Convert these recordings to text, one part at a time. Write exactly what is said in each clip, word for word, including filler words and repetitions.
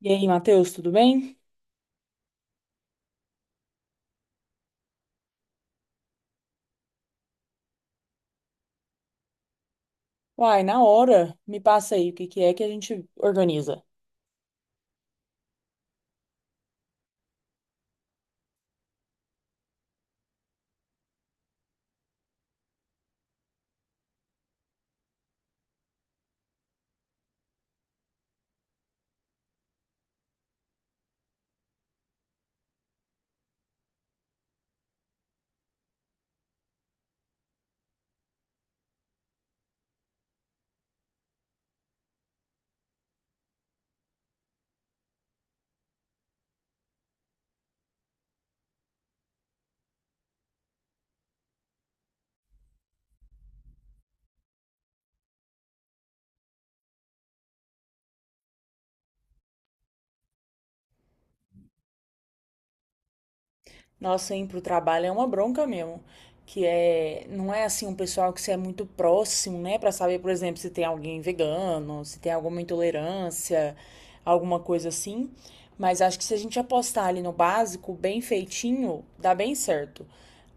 E aí, Matheus, tudo bem? Uai, na hora, me passa aí o que que é que a gente organiza. Nossa, ir pro trabalho é uma bronca mesmo, que é, não é assim um pessoal que você é muito próximo, né, pra saber, por exemplo, se tem alguém vegano, se tem alguma intolerância, alguma coisa assim. Mas acho que se a gente apostar ali no básico, bem feitinho, dá bem certo.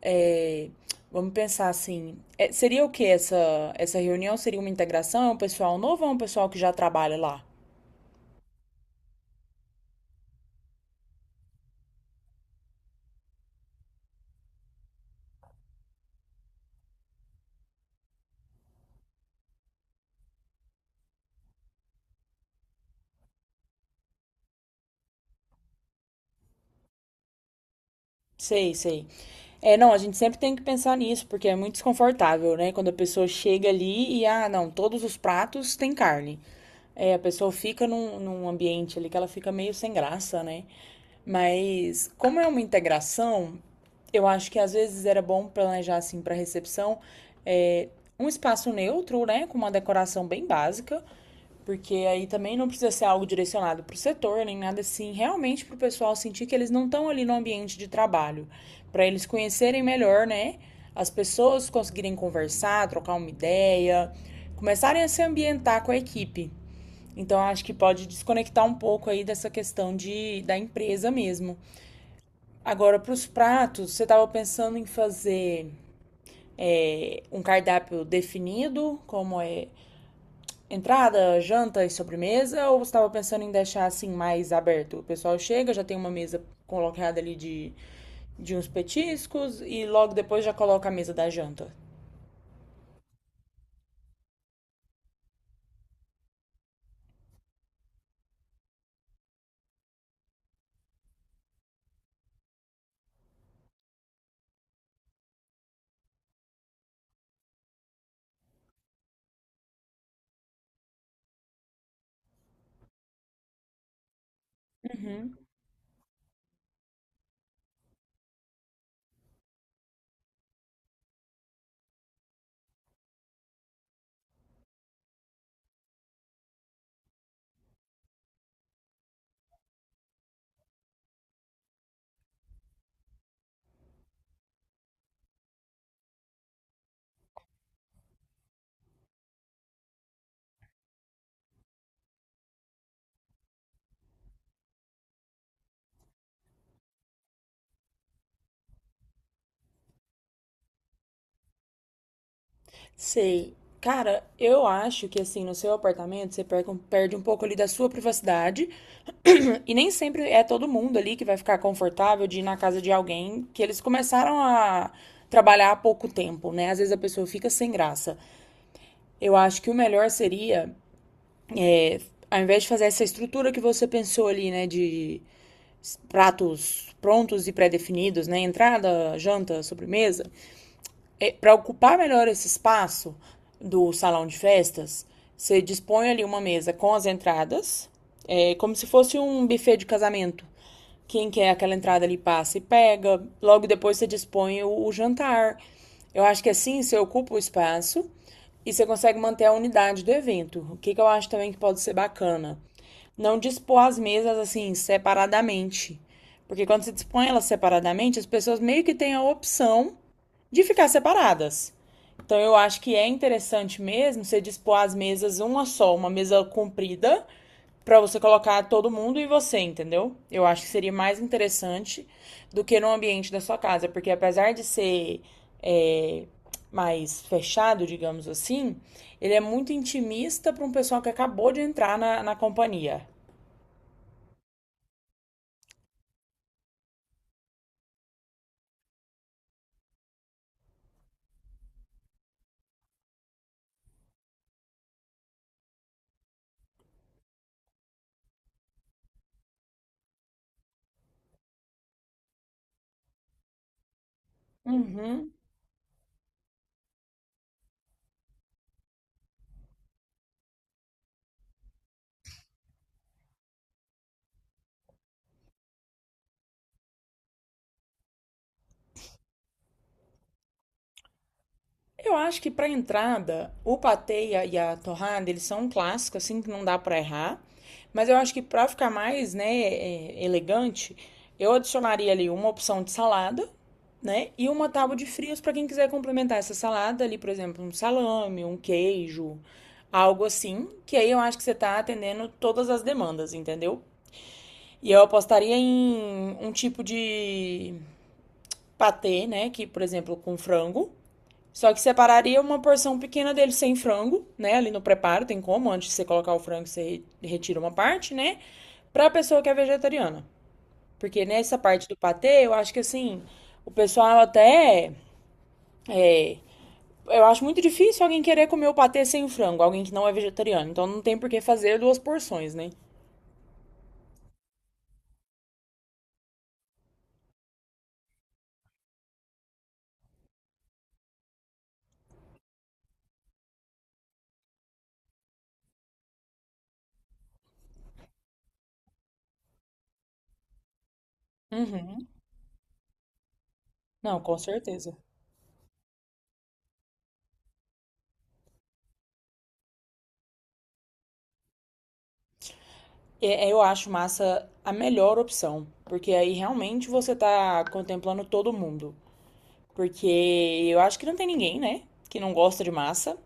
É, Vamos pensar assim, é, seria o que essa essa reunião? Seria uma integração? É um pessoal novo ou é um pessoal que já trabalha lá? Sei, sei. É, não, a gente sempre tem que pensar nisso, porque é muito desconfortável, né? Quando a pessoa chega ali e, ah, não, todos os pratos têm carne. É, a pessoa fica num, num ambiente ali que ela fica meio sem graça, né? Mas, como é uma integração, eu acho que às vezes era bom planejar, assim, para recepção, é, um espaço neutro, né? Com uma decoração bem básica, porque aí também não precisa ser algo direcionado para o setor, nem nada assim, realmente para o pessoal sentir que eles não estão ali no ambiente de trabalho, para eles conhecerem melhor, né? As pessoas conseguirem conversar, trocar uma ideia, começarem a se ambientar com a equipe. Então acho que pode desconectar um pouco aí dessa questão de, da empresa mesmo. Agora, para os pratos, você estava pensando em fazer é, um cardápio definido, como é entrada, janta e sobremesa? Ou você estava pensando em deixar assim mais aberto? O pessoal chega, já tem uma mesa colocada ali de, de uns petiscos e logo depois já coloca a mesa da janta. Uhum. Sei. Cara, eu acho que assim, no seu apartamento você perde um, perde um pouco ali da sua privacidade. E nem sempre é todo mundo ali que vai ficar confortável de ir na casa de alguém que eles começaram a trabalhar há pouco tempo, né? Às vezes a pessoa fica sem graça. Eu acho que o melhor seria É, ao invés de fazer essa estrutura que você pensou ali, né, de pratos prontos e pré-definidos, né, entrada, janta, sobremesa, é, para ocupar melhor esse espaço do salão de festas, você dispõe ali uma mesa com as entradas, é, como se fosse um buffet de casamento, quem quer aquela entrada ali passa e pega. Logo depois você dispõe o, o jantar. Eu acho que assim você ocupa o espaço e você consegue manter a unidade do evento. O que, que eu acho também que pode ser bacana? Não dispor as mesas assim separadamente. Porque quando você dispõe elas separadamente, as pessoas meio que têm a opção de ficar separadas. Então eu acho que é interessante mesmo você dispor as mesas uma só, uma mesa comprida, para você colocar todo mundo e você, entendeu? Eu acho que seria mais interessante do que no ambiente da sua casa, porque apesar de ser é, mais fechado, digamos assim, ele é muito intimista para um pessoal que acabou de entrar na, na companhia. Uhum. Eu acho que para entrada, o patê e a, e a torrada, eles são um clássico, assim, que não dá para errar. Mas eu acho que para ficar mais, né, é, elegante, eu adicionaria ali uma opção de salada, né, e uma tábua de frios para quem quiser complementar essa salada ali, por exemplo, um salame, um queijo, algo assim, que aí eu acho que você tá atendendo todas as demandas, entendeu? E eu apostaria em um tipo de patê, né, que, por exemplo, com frango, só que separaria uma porção pequena dele sem frango, né? Ali no preparo, tem como, antes de você colocar o frango, você retira uma parte, né? Pra pessoa que é vegetariana. Porque nessa parte do patê, eu acho que assim, o pessoal até. é, eu acho muito difícil alguém querer comer o patê sem o frango, alguém que não é vegetariano. Então não tem por que fazer duas porções, né? Uhum. Não, com certeza. E- Eu acho massa a melhor opção, porque aí realmente você tá contemplando todo mundo. Porque eu acho que não tem ninguém, né, que não gosta de massa.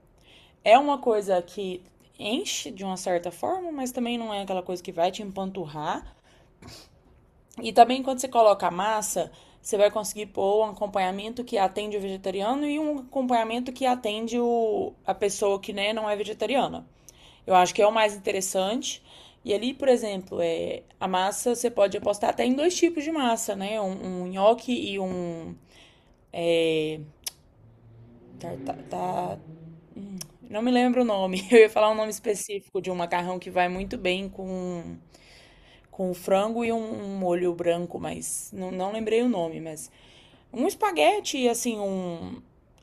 É uma coisa que enche de uma certa forma, mas também não é aquela coisa que vai te empanturrar. E também quando você coloca a massa, você vai conseguir pôr um acompanhamento que atende o vegetariano e um acompanhamento que atende o, a pessoa que né, não é vegetariana. Eu acho que é o mais interessante. E ali, por exemplo, é, a massa você pode apostar até em dois tipos de massa, né? Um, um nhoque e um tarta, não me lembro o nome. Eu ia falar um nome específico de um macarrão que vai muito bem com, com frango e um, um molho branco, mas não, não lembrei o nome, mas um espaguete, assim, um,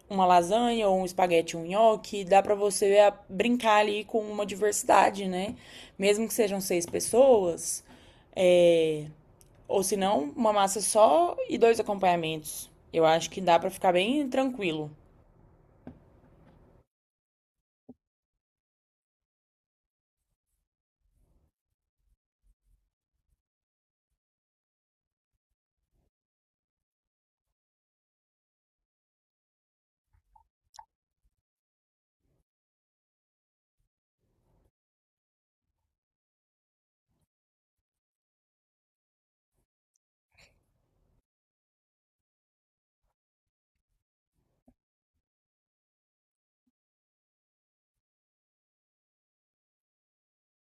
uma lasanha ou um espaguete, um nhoque, dá pra você a- brincar ali com uma diversidade, né? Mesmo que sejam seis pessoas, é, ou se não, uma massa só e dois acompanhamentos. Eu acho que dá pra ficar bem tranquilo.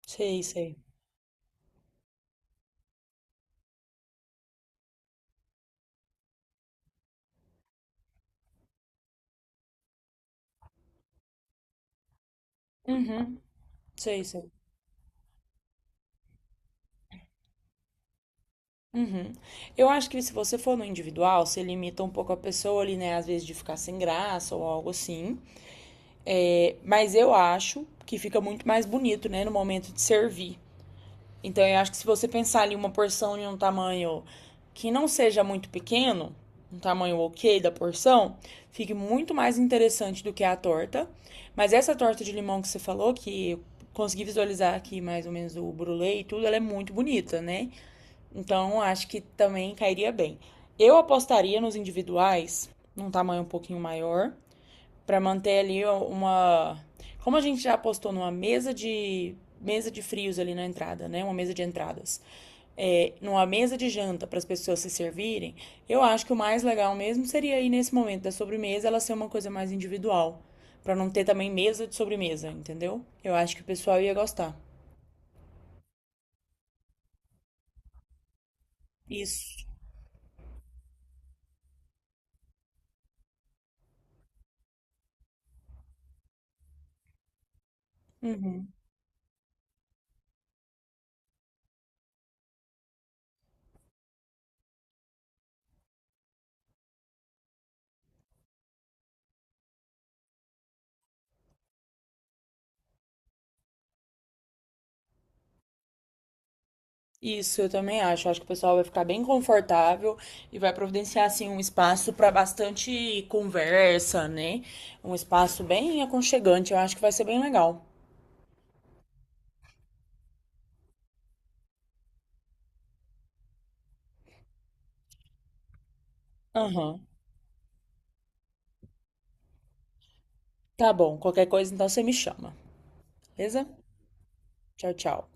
Sei, sei. Uhum, sei, sei. Uhum. Eu acho que se você for no individual, você limita um pouco a pessoa ali, né? Às vezes de ficar sem graça ou algo assim. É, mas eu acho que fica muito mais bonito, né? No momento de servir. Então eu acho que se você pensar ali uma porção de um tamanho que não seja muito pequeno, um tamanho ok da porção, fique muito mais interessante do que a torta. Mas essa torta de limão que você falou, que eu consegui visualizar aqui mais ou menos o brulê e tudo, ela é muito bonita, né? Então, acho que também cairia bem. Eu apostaria nos individuais, num tamanho um pouquinho maior, para manter ali uma. Como a gente já apostou numa mesa de mesa de frios ali na entrada, né? Uma mesa de entradas. É, numa mesa de janta para as pessoas se servirem, eu acho que o mais legal mesmo seria aí nesse momento da sobremesa ela ser uma coisa mais individual, para não ter também mesa de sobremesa, entendeu? Eu acho que o pessoal ia gostar. Isso. Isso, eu também acho. Acho que o pessoal vai ficar bem confortável e vai providenciar assim um espaço para bastante conversa, né? Um espaço bem aconchegante. Eu acho que vai ser bem legal. Aham. Tá bom. Qualquer coisa, então você me chama. Beleza? Tchau, tchau.